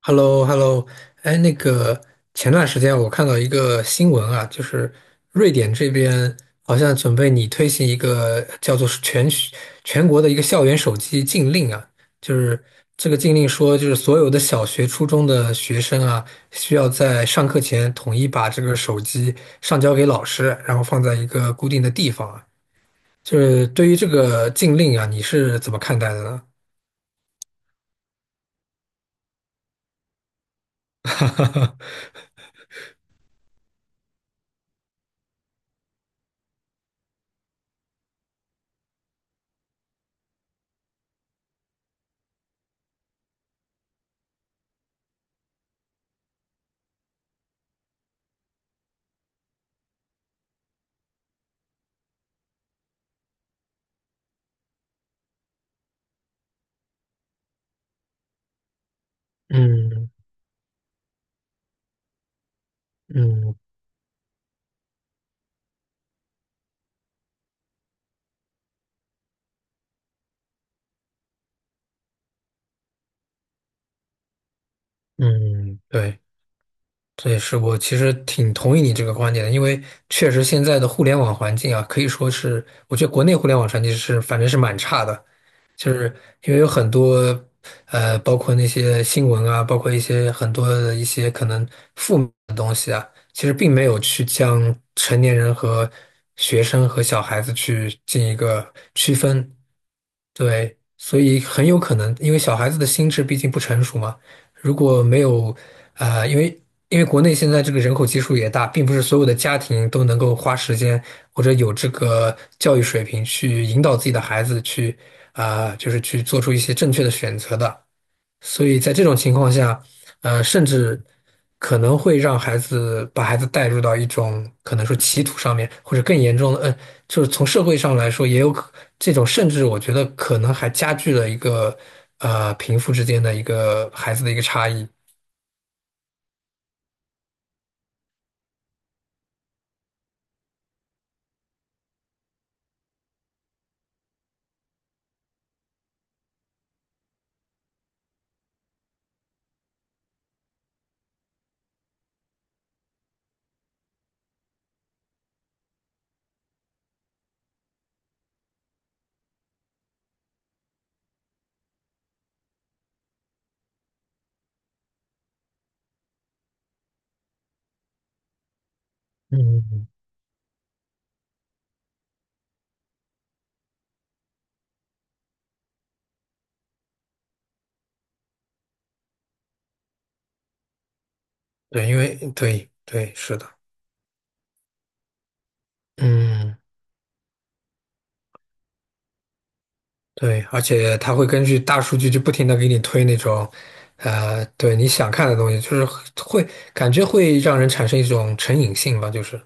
h e l l o h e l l o 哎，那个前段时间我看到一个新闻啊，就是瑞典这边好像准备拟推行一个叫做是全国的一个校园手机禁令啊。就是这个禁令说，就是所有的小学、初中的学生啊，需要在上课前统一把这个手机上交给老师，然后放在一个固定的地方啊。就是对于这个禁令啊，你是怎么看待的呢？嗯嗯嗯，对。这也是我其实挺同意你这个观点的，因为确实现在的互联网环境啊，可以说是，我觉得国内互联网环境是反正是蛮差的，就是因为有很多包括那些新闻啊，包括一些很多的一些可能负面的东西啊，其实并没有去将成年人和学生和小孩子去进一个区分。对，所以很有可能因为小孩子的心智毕竟不成熟嘛。如果没有，呃，因为因为国内现在这个人口基数也大，并不是所有的家庭都能够花时间或者有这个教育水平去引导自己的孩子去，啊、就是去做出一些正确的选择的。所以在这种情况下，甚至可能会让孩子把孩子带入到一种可能说歧途上面，或者更严重的，就是从社会上来说，也有可这种，甚至我觉得可能还加剧了一个贫富之间的一个孩子的一个差异。嗯，对，因为对对是的。嗯，对，而且他会根据大数据就不停的给你推那种，对你想看的东西，就是会感觉会让人产生一种成瘾性吧，就是。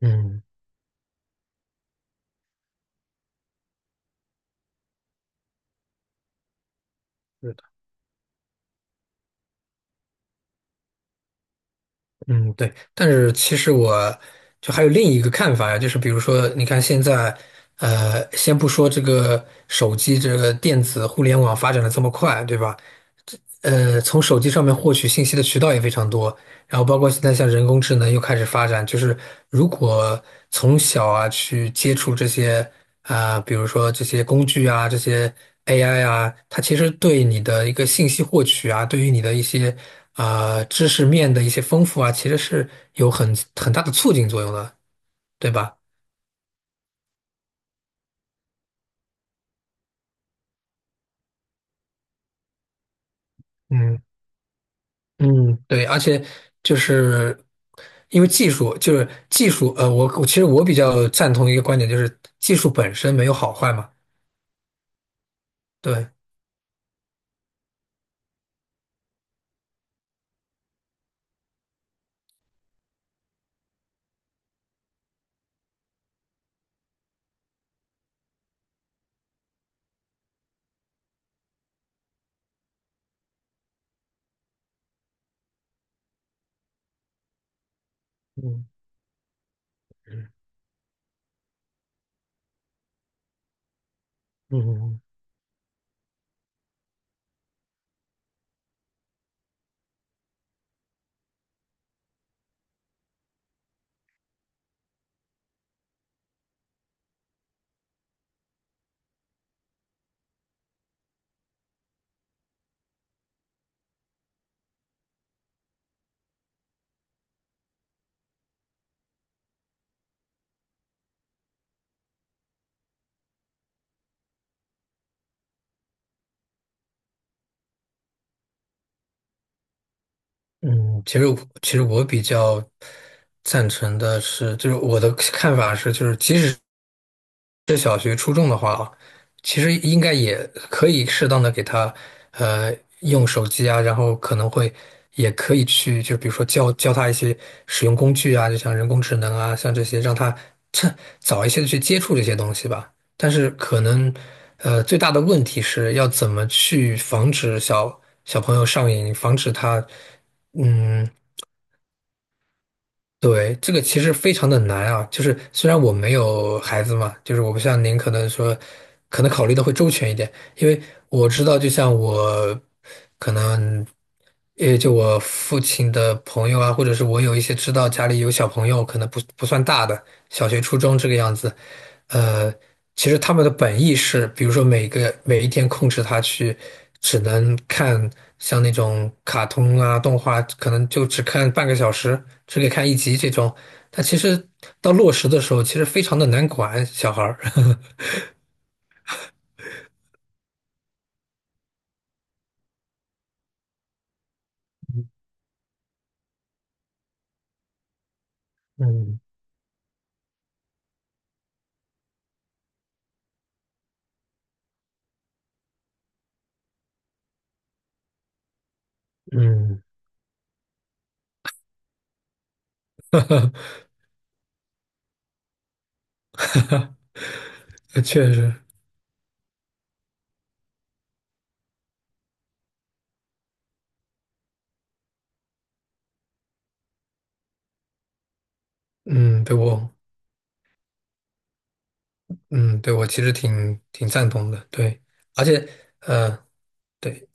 嗯是的嗯，对，但是其实我就还有另一个看法呀，就是比如说，你看现在，先不说这个手机这个电子互联网发展的这么快，对吧？从手机上面获取信息的渠道也非常多，然后包括现在像人工智能又开始发展，就是如果从小啊去接触这些啊、比如说这些工具啊，这些 AI 啊，它其实对你的一个信息获取啊，对于你的一些啊、知识面的一些丰富啊，其实是有很大的促进作用的，对吧？嗯。嗯，对，而且就是因为技术，就是技术，我其实我比较赞同一个观点，就是技术本身没有好坏嘛。对。嗯嗯嗯，嗯，其实我比较赞成的是，就是我的看法是，就是即使是小学、初中的话啊，其实应该也可以适当的给他，呃，用手机啊，然后可能会也可以去，就比如说教教他一些使用工具啊，就像人工智能啊，像这些，让他趁早一些的去接触这些东西吧。但是可能，最大的问题是要怎么去防止小朋友上瘾，防止他。嗯。对，这个其实非常的难啊，就是虽然我没有孩子嘛，就是我不像您可能说，可能考虑的会周全一点，因为我知道，就像我可能，也就我父亲的朋友啊，或者是我有一些知道家里有小朋友，可能不算大的，小学、初中这个样子，呃，其实他们的本意是，比如说每一天控制他去，只能看像那种卡通啊、动画，可能就只看半个小时，只给看一集这种。但其实到落实的时候，其实非常的难管小孩儿。嗯嗯，确实。嗯，对我，嗯，对我其实挺赞同的，对，而且，呃，对。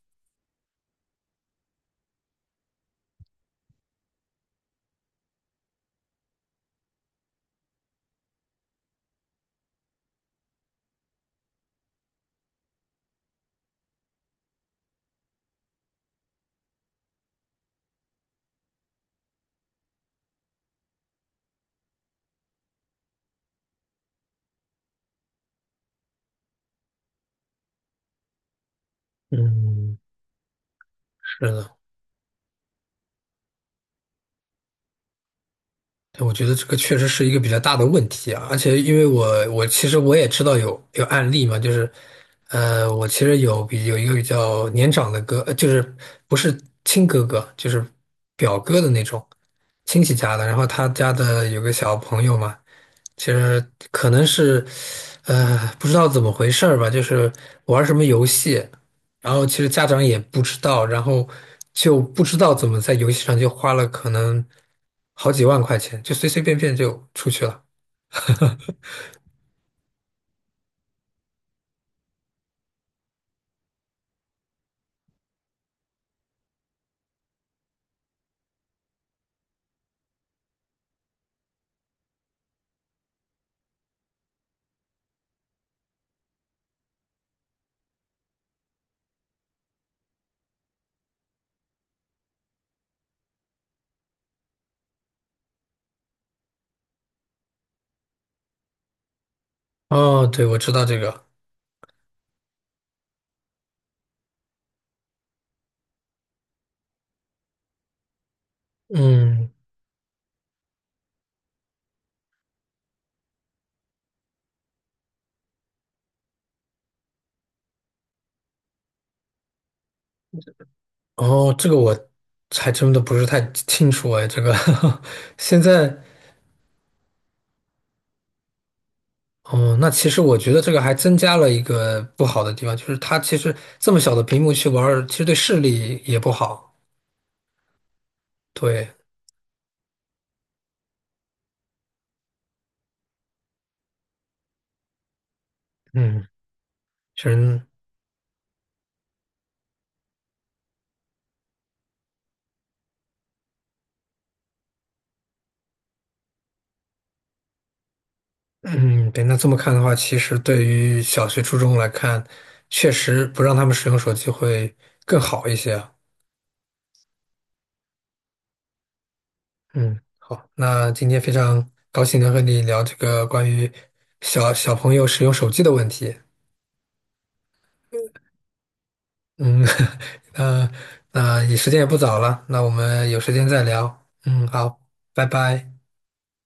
嗯，是的。对我觉得这个确实是一个比较大的问题啊，而且因为我其实我也知道有案例嘛，就是，我其实有一个比较年长的哥，就是不是亲哥哥，就是表哥的那种亲戚家的，然后他家的有个小朋友嘛，其实可能是，不知道怎么回事儿吧，就是玩什么游戏，然后其实家长也不知道，然后就不知道怎么在游戏上就花了可能好几万块钱，就随随便便就出去了。哦，对，我知道这个。嗯，哦，这个我还真的不是太清楚哎，这个 现在。哦，那其实我觉得这个还增加了一个不好的地方，就是它其实这么小的屏幕去玩儿，其实对视力也不好。对。嗯，确实。嗯，对，那这么看的话，其实对于小学、初中来看，确实不让他们使用手机会更好一些啊。嗯，好，那今天非常高兴能和你聊这个关于小朋友使用手机的问题。嗯，那那也时间也不早了，那我们有时间再聊。嗯，好，拜拜。